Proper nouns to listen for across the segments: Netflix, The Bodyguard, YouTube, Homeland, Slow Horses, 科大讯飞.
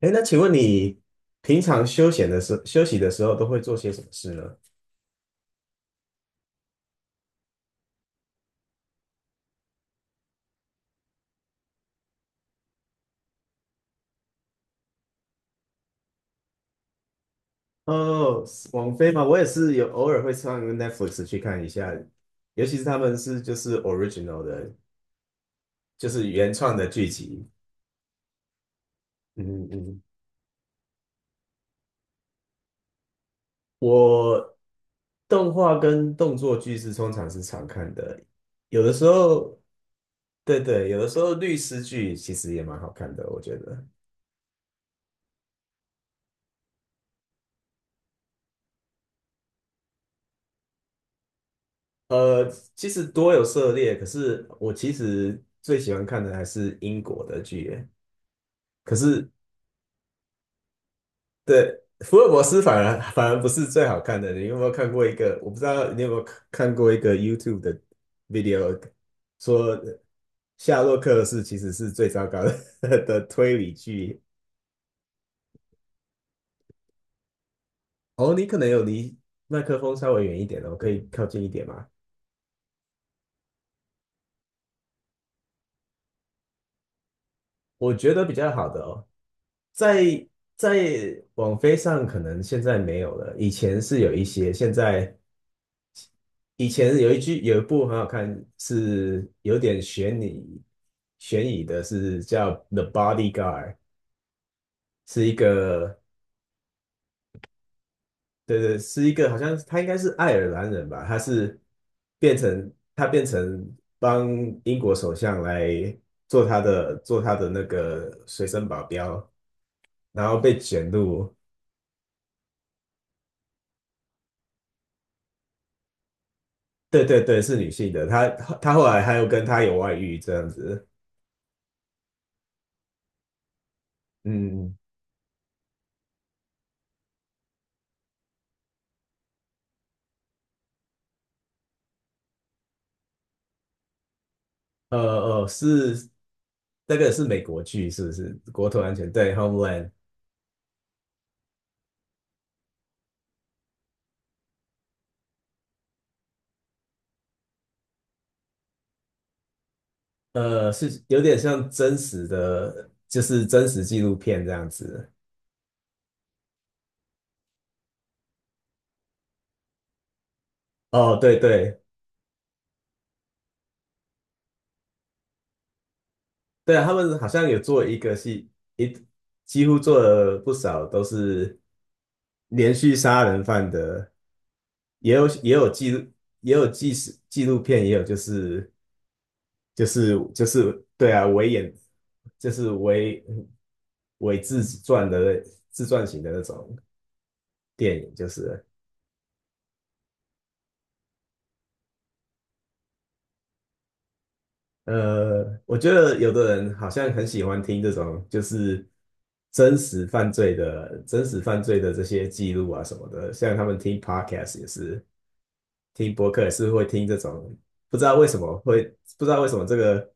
哎，那请问你平常休闲的休息的时候都会做些什么事呢？哦，网飞嘛，我也是有偶尔会上 Netflix 去看一下，尤其是他们就是 original 的，就是原创的剧集。嗯嗯。我动画跟动作剧通常是常看的，有的时候，对对，有的时候律师剧其实也蛮好看的，我觉得。呃，其实多有涉猎，可是我其实最喜欢看的还是英国的剧耶。可是，对，福尔摩斯反而不是最好看的。你有没有看过一个？我不知道你有没有看过一个 YouTube 的 video，说夏洛克其实是最糟糕的 的推理剧。哦，你可能有离麦克风稍微远一点的，我可以靠近一点吗？我觉得比较好的哦，在在网飞上可能现在没有了，以前是有一些，现在以前有一句有一部很好看，是有点悬疑的，是叫《The Bodyguard》，是一个对对，是一个好像他应该是爱尔兰人吧，他是变成帮英国首相来做他的那个随身保镖，然后被卷入。对对对，是女性的，他后来还有跟他有外遇这样子。嗯，呃是那个是美国剧是不是？国土安全对 Homeland，是有点像真实的，就是真实纪录片这样子。哦，对对。对啊，他们好像有做一个戏，一几乎做了不少都是连续杀人犯的，也有也有记录，也有纪实纪录片，也有就是对啊，就是伪自传的自传型的那种电影，就是了。我觉得有的人好像很喜欢听这种，就是真实犯罪的、真实犯罪的这些记录啊什么的，像他们听 podcast 也是，听播客也是会听这种，不知道为什么会，不知道为什么这个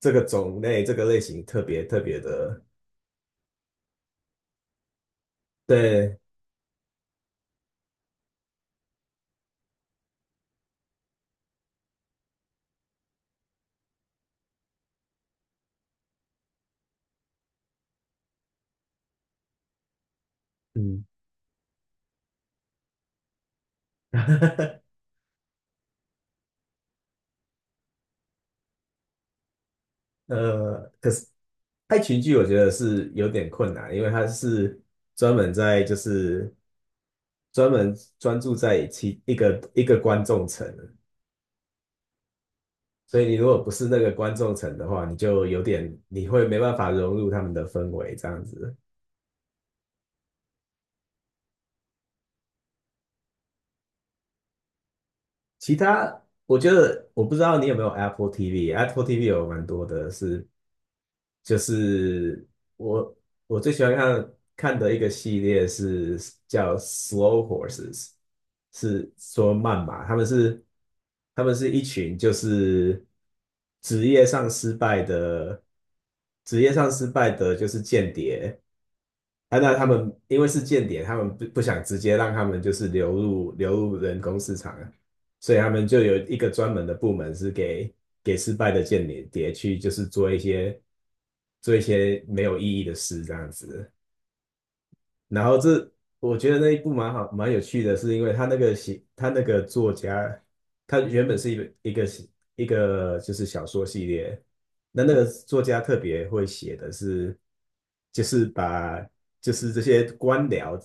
这个种类、这个类型特别特别的，对，嗯。可是爱情剧我觉得是有点困难，因为它是专门在就是专门专注在一个一个观众层，所以你如果不是那个观众层的话，你就有点你会没办法融入他们的氛围这样子。其他我觉得我不知道你有没有 Apple TV，Apple TV 有蛮多的是，就是我我最喜欢看的一个系列是叫 Slow Horses，是说慢马，他们是一群就是职业上失败的职业上失败的就是间谍。啊，那他们因为是间谍，他们不想直接让他们就是流入人工市场啊，所以他们就有一个专门的部门是给失败的间谍去，就是做一些做一些没有意义的事这样子。然后这我觉得那一部蛮有趣的，是因为他那个作家，他原本是一个一个就是小说系列，那那个作家特别会写的是，就是把就是这些官僚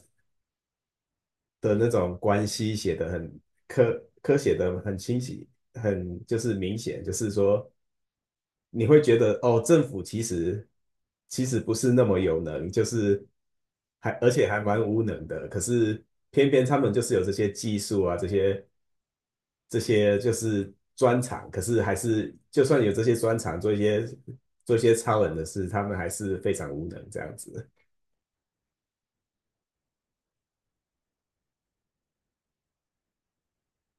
的那种关系写得很写的很清晰，很就是明显，就是说。你会觉得哦，政府其实不是那么有能，就是还而且还蛮无能的。可是偏偏他们就是有这些技术啊，这些就是专长，可是还是就算有这些专长，做一些做一些超人的事，他们还是非常无能这样子。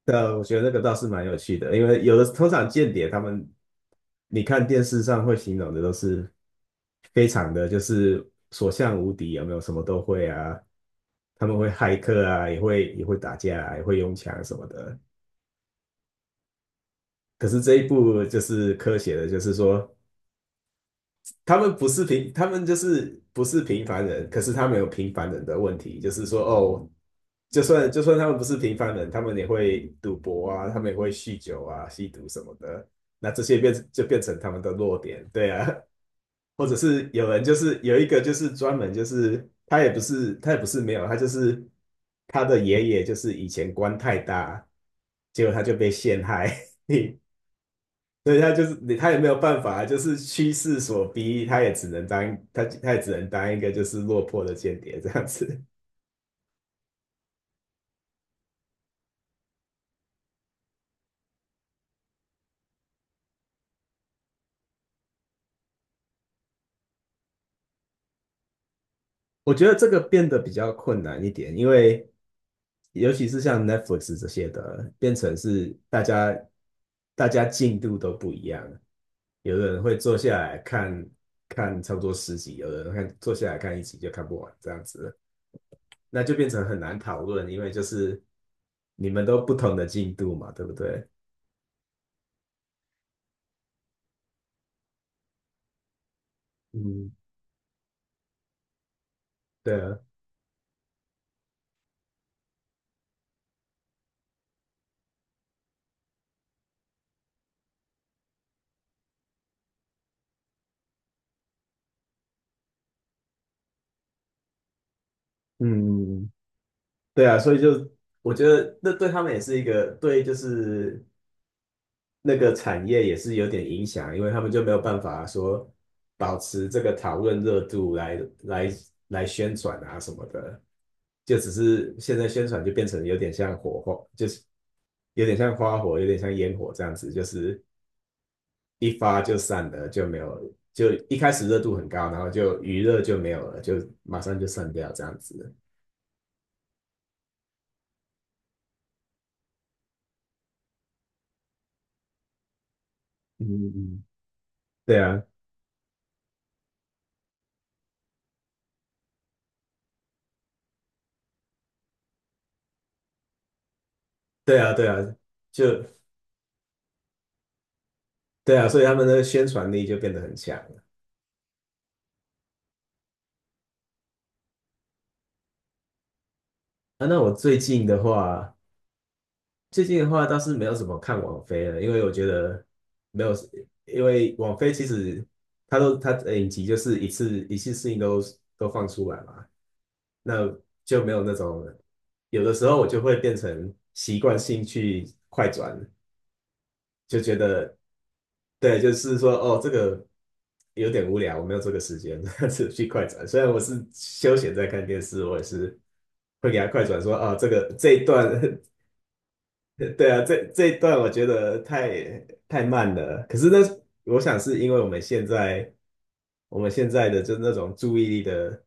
对啊，我觉得那个倒是蛮有趣的，因为有的通常间谍他们，你看电视上会形容的都是非常的就是所向无敌，有没有什么都会啊？他们会骇客啊，也会打架啊也会用枪什么的。可是这一部就是科学的，就是说他们就是不是平凡人，可是他们有平凡人的问题，就是说哦，就算他们不是平凡人，他们也会赌博啊，他们也会酗酒啊、吸毒什么的，那这些就变成他们的弱点，对啊，或者是有人就是有一个就是专门就是他也不是没有，他就是他的爷爷就是以前官太大，结果他就被陷害。所以他就是他也没有办法，就是趋势所逼，他也只能当他也只能当一个就是落魄的间谍这样子。我觉得这个变得比较困难一点，因为尤其是像 Netflix 这些的，变成是大家进度都不一样，有的人会坐下来看看差不多10集，有的人坐下来看一集就看不完这样子，那就变成很难讨论，因为就是你们都不同的进度嘛，对不对？嗯，对啊，嗯，对啊，所以就我觉得那对他们也是一个对，就是那个产业也是有点影响，因为他们就没有办法说保持这个讨论热度来来宣传啊什么的，就只是现在宣传就变成有点像火候，就是有点像花火，有点像烟火这样子，就是一发就散了，就没有，就一开始热度很高，然后就余热就没有了，就马上就散掉这样子。嗯嗯嗯，对啊，对啊，对啊，就对啊，所以他们的宣传力就变得很强了啊。那我最近的话，最近的话倒是没有什么看网飞了，因为我觉得没有，因为网飞其实它的影集就是一次性都都放出来嘛，那就没有那种有的时候我就会变成习惯性去快转，就觉得对，就是说哦，这个有点无聊，我没有这个时间，是去快转。虽然我是休闲在看电视，我也是会给他快转说哦，这个这一段，对啊，这一段我觉得太慢了。可是那我想是因为我们现在的就那种注意力的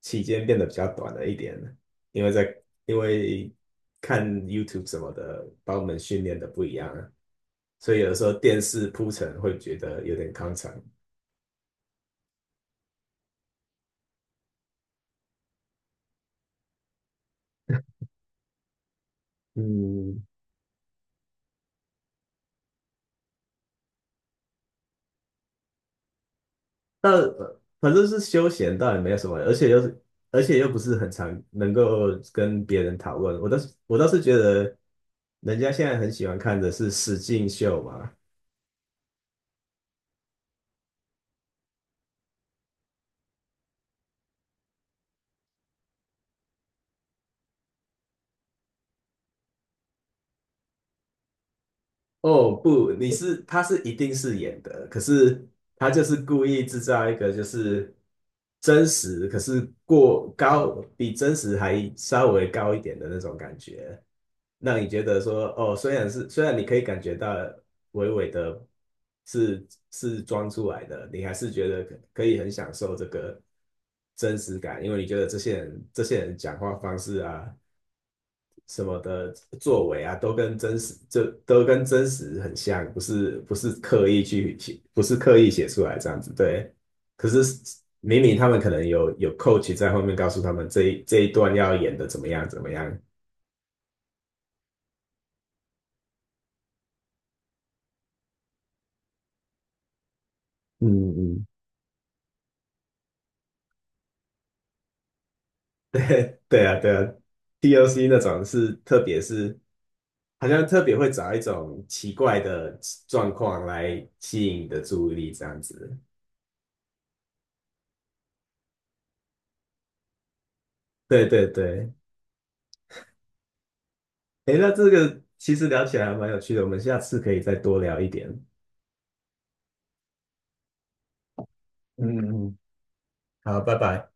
期间变得比较短了一点，因为在因为看 YouTube 什么的，把我们训练的不一样。了。所以有的时候电视铺陈会觉得有点康长。嗯，但反正是休闲，倒也没有什么，而且而且又不是很常能够跟别人讨论。我倒是觉得，人家现在很喜欢看的是实境秀嘛。哦，不，他是一定是演的，可是他就是故意制造一个就是真实，可是过高比真实还稍微高一点的那种感觉。那你觉得说，哦，虽然你可以感觉到微微的是装出来的，你还是觉得可以很享受这个真实感，因为你觉得这些人讲话方式啊什么的作为啊，都跟真实都跟真实很像，不是刻意去写，不是刻意写出来这样子，对。可是明明他们可能有 coach 在后面告诉他们这一段要演的怎么样怎么样。嗯嗯。对啊，对啊 d O c 那种是，特别是好像特别会找一种奇怪的状况来吸引你的注意力，这样子。对对对，诶，那这个其实聊起来还蛮有趣的，我们下次可以再多聊一点。嗯嗯，嗯好，拜拜。